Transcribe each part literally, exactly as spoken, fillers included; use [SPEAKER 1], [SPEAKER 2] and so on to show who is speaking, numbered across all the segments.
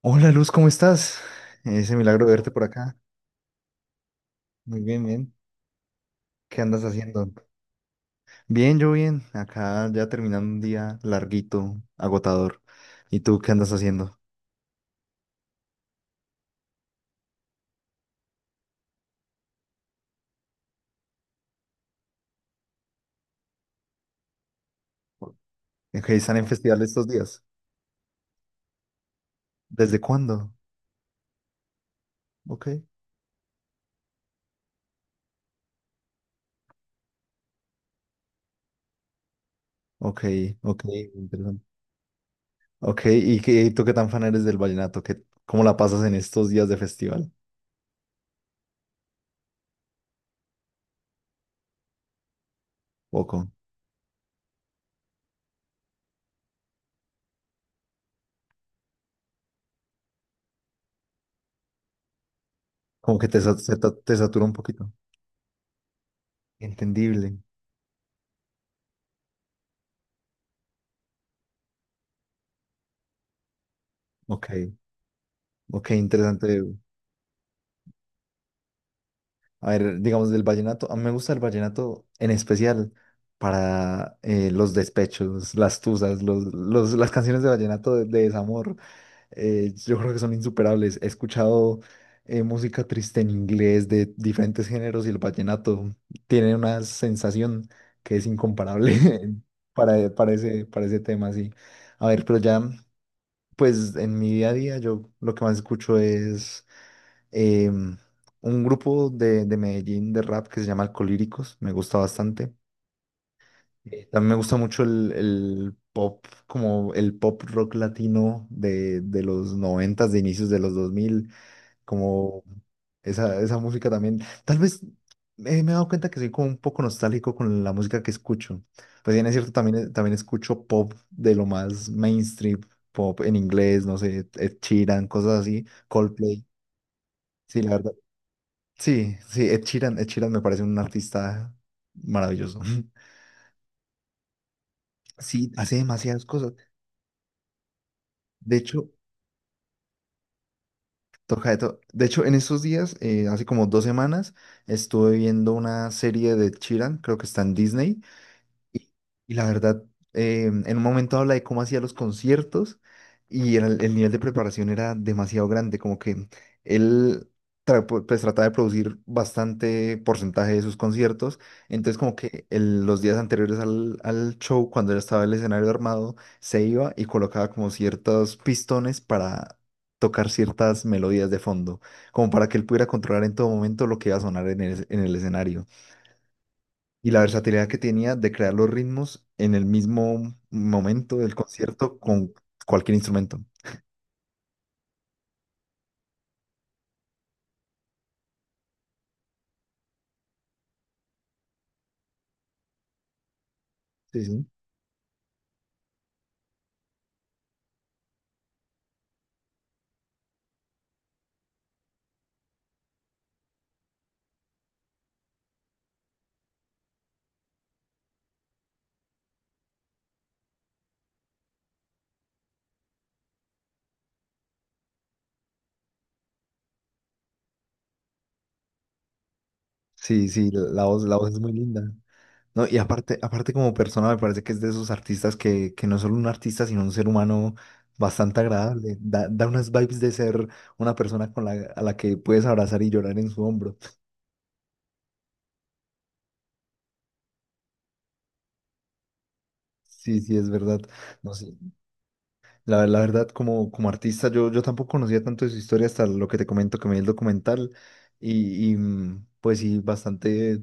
[SPEAKER 1] Hola, Luz, ¿cómo estás? Ese milagro de verte por acá. Muy bien, bien. ¿Qué andas haciendo? Bien, yo bien. Acá ya terminando un día larguito, agotador. ¿Y tú qué andas haciendo? Ok, ¿están en festival estos días? ¿Desde cuándo? Ok, ok, ok, interesante. Ok, ¿y qué, tú qué tan fan eres del vallenato? ¿Qué, cómo la pasas en estos días de festival? Poco. Como que te, sa- se ta- te satura un poquito. Entendible. Ok, ok, interesante. A ver, digamos del vallenato, a mí me gusta el vallenato en especial para eh, los despechos, las tusas, los, los- las canciones de vallenato de, de desamor. eh, yo creo que son insuperables. He escuchado, eh, música triste en inglés de diferentes géneros, y el vallenato tiene una sensación que es incomparable para, para ese, para ese tema, sí. A ver, pero ya, pues en mi día a día yo lo que más escucho es eh, un grupo de, de Medellín, de rap, que se llama Alcolíricos. Me gusta bastante. Eh, También me gusta mucho el, el pop, como el pop rock latino de, de los noventas, de inicios de los dos mil, como esa, esa música también. Tal vez eh, me he dado cuenta que soy como un poco nostálgico con la música que escucho. Pues bien, es cierto, también, eh, también escucho pop de lo más mainstream, pop en inglés, no sé, Ed Sheeran, cosas así, Coldplay. Sí, la verdad. Sí, sí, Ed Sheeran, Ed Sheeran me parece un artista maravilloso. Sí, hace demasiadas cosas. De hecho, toca de todo. De hecho, en estos días, eh, hace como dos semanas, estuve viendo una serie de Ed Sheeran, creo que está en Disney. Y, y la verdad, eh, en un momento habla de cómo hacía los conciertos, y era- el nivel de preparación era demasiado grande, como que él tra- pu- pues trataba de producir bastante porcentaje de sus conciertos. Entonces, como que el- los días anteriores al, al show, cuando ya estaba el escenario armado, se iba y colocaba como ciertos pistones para tocar ciertas melodías de fondo, como para que él pudiera controlar en todo momento lo que iba a sonar en el, en el escenario, y la versatilidad que tenía de crear los ritmos en el mismo momento del concierto con cualquier instrumento. Sí, sí. Sí, sí, la voz, la voz es muy linda. No, y aparte, aparte como persona me parece que es de esos artistas que, que no es solo un artista, sino un ser humano bastante agradable. Da, da unas vibes de ser una persona con la, a la que puedes abrazar y llorar en su hombro. Sí, sí, es verdad. No, sí, La, la verdad, como, como artista, yo, yo tampoco conocía tanto de su historia hasta lo que te comento, que me vi el documental. Y, y, mm, pues sí, bastante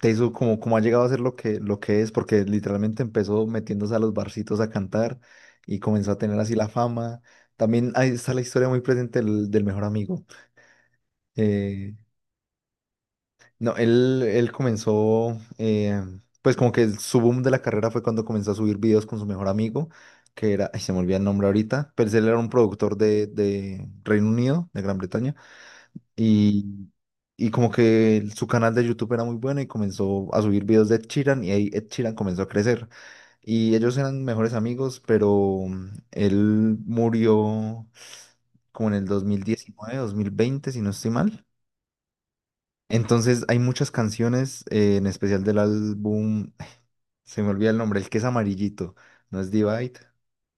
[SPEAKER 1] teso como, como ha llegado a ser lo que, lo que es, porque literalmente empezó metiéndose a los barcitos a cantar y comenzó a tener así la fama. También ahí está la historia muy presente del, del mejor amigo. eh, no, él, él comenzó, eh, pues como que el- su boom de la carrera fue cuando comenzó a subir videos con su mejor amigo, que era, ay, se me olvida el nombre ahorita, pero él era un productor de, de Reino Unido, de Gran Bretaña. Y, y como que el- su canal de YouTube era muy bueno y comenzó a subir videos de Ed Sheeran, y ahí Ed Sheeran comenzó a crecer. Y ellos eran mejores amigos, pero mm, él murió como en el dos dos mil diecinueve, dos mil veinte, si no estoy mal. Entonces hay muchas canciones, eh, en especial del álbum, se me olvida el nombre, el que es amarillito, no es Divide,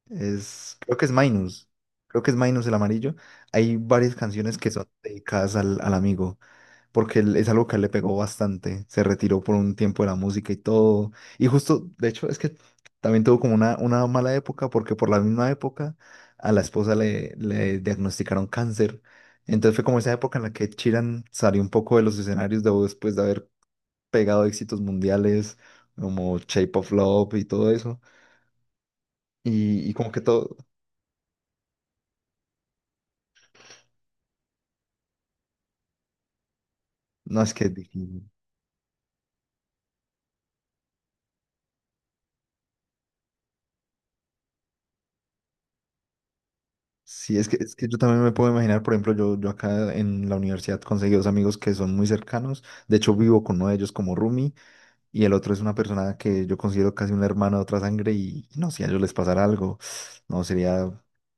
[SPEAKER 1] es, creo que es Minus, creo que es Minus el amarillo. Hay varias canciones que son dedicadas al, al amigo, porque él- es algo que a él le pegó bastante. Se retiró por un tiempo de la música y todo. Y justo, de hecho, es que también tuvo como una, una mala época, porque por la misma época a la esposa le, le diagnosticaron cáncer. Entonces fue como esa época en la que Chiran salió un poco de los escenarios de- después de haber pegado éxitos mundiales como Shape of Love y todo eso. Y, y como que todo, no, es que es difícil. Sí, es que, es que yo también me puedo imaginar. Por ejemplo, yo, yo acá en la universidad conseguí dos amigos que son muy cercanos, de hecho vivo con uno de ellos como roomie, y el otro es una persona que yo considero casi un hermano de otra sangre, y no, si a ellos les pasara algo, no, sería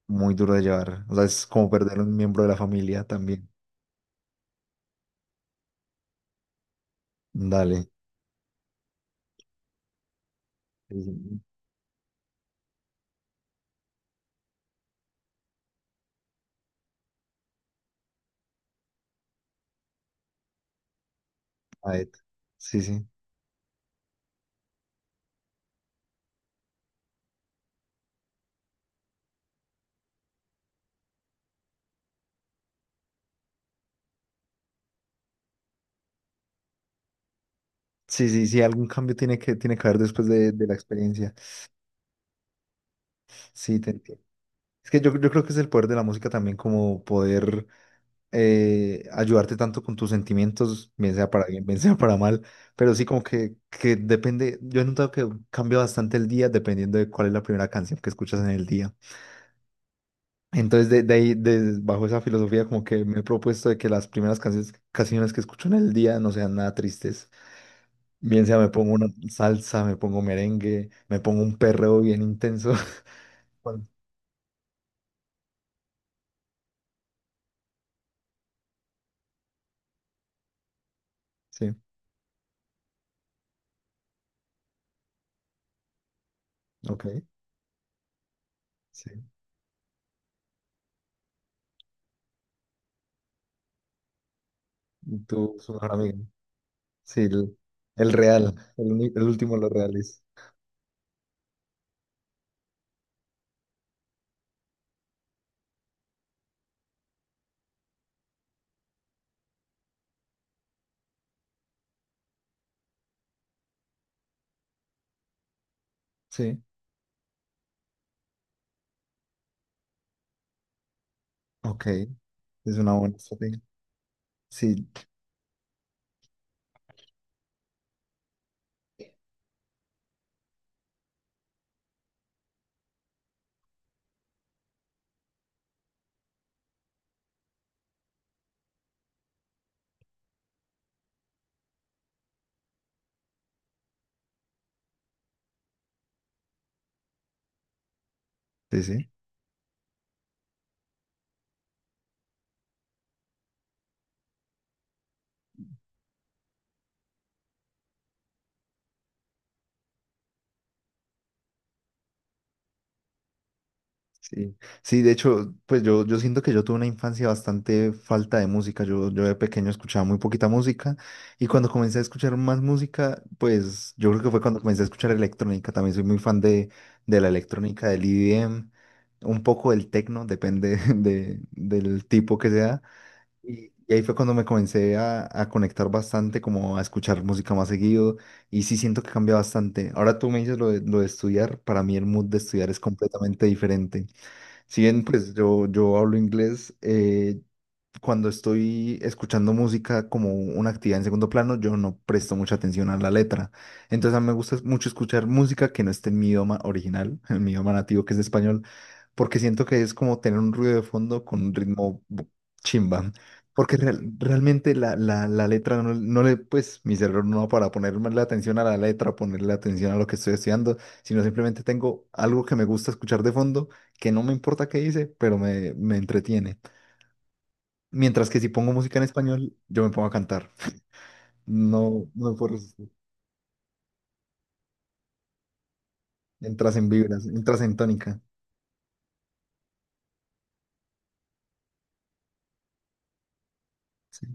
[SPEAKER 1] muy duro de llevar. O sea, es como perder un miembro de la familia también. Dale. Sí, a ver. Sí. Sí, sí, sí, sí, algún cambio tiene que, tiene que haber después de, de la experiencia. Sí, te entiendo. Es que yo, yo creo que es el poder de la música también, como poder eh, ayudarte tanto con tus sentimientos, bien sea para bien, bien sea para mal, pero sí, como que, que depende. Yo he notado que cambia bastante el día dependiendo de cuál es la primera canción que escuchas en el día. Entonces, de, de ahí, de- bajo esa filosofía, como que me he propuesto de que las primeras canciones, canciones que escucho en el día no sean nada tristes. Bien sea me pongo una salsa, me pongo merengue, me pongo un perreo bien intenso. Bueno, sí, ok, sí. Y tú, su mejor amigo. Sí, el, el real, el, uni- el último de los reales. Sí, ok, es una buena estrategia. Sí, sí, sí, sí. Sí, de hecho, pues yo, yo siento que yo tuve una infancia bastante falta de música. Yo, yo de pequeño escuchaba muy poquita música, y cuando comencé a escuchar más música, pues yo creo que fue cuando comencé a escuchar electrónica. También soy muy fan de, de la electrónica, del E D M, un poco del techno, depende de, del tipo que sea. Y, y ahí fue cuando me comencé a, a conectar bastante, como a escuchar música más seguido, y sí siento que cambia bastante. Ahora tú me dices lo de, lo de estudiar, para mí el mood de estudiar es completamente diferente. Si bien pues yo, yo hablo inglés, eh, cuando estoy escuchando música como una actividad en segundo plano, yo no presto mucha atención a la letra. Entonces a mí me gusta mucho escuchar música que no esté en mi idioma original, en mi idioma nativo, que es español, porque siento que es como tener un ruido de fondo con un ritmo bu- chimba. Porque real- realmente la, la, la letra no, no le, pues mi cerebro no va para ponerme la atención a la letra, ponerle atención a lo que estoy estudiando, sino simplemente tengo algo que me gusta escuchar de fondo, que no me importa qué dice, pero me, me entretiene. Mientras que si pongo música en español, yo me pongo a cantar. No, no me puedo resistir. Entras en vibras, entras en tónica. Sí.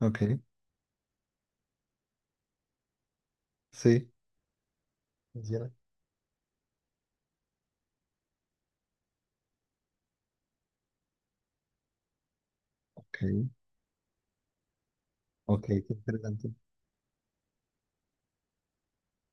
[SPEAKER 1] Ok, sí. Funciona. Ok, ok, qué interesante.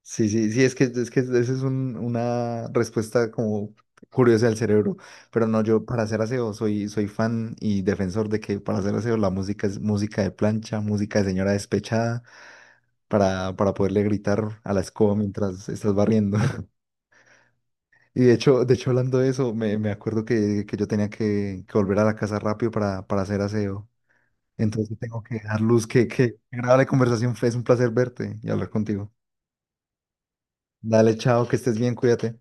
[SPEAKER 1] Sí, sí, sí, es que, es que esa es un- una respuesta como curiosa del cerebro. Pero no, yo para hacer aseo soy, soy fan y defensor de que para hacer aseo la música es música de plancha, música de señora despechada, para, para poderle gritar a la escoba mientras estás barriendo. Y de hecho, de hecho hablando de eso, me, me acuerdo que, que yo tenía que, que volver a la casa rápido para, para hacer aseo. Entonces tengo que dar luz, que, que agradable conversación fue. Es un placer verte y hablar contigo. Dale, chao, que estés bien, cuídate.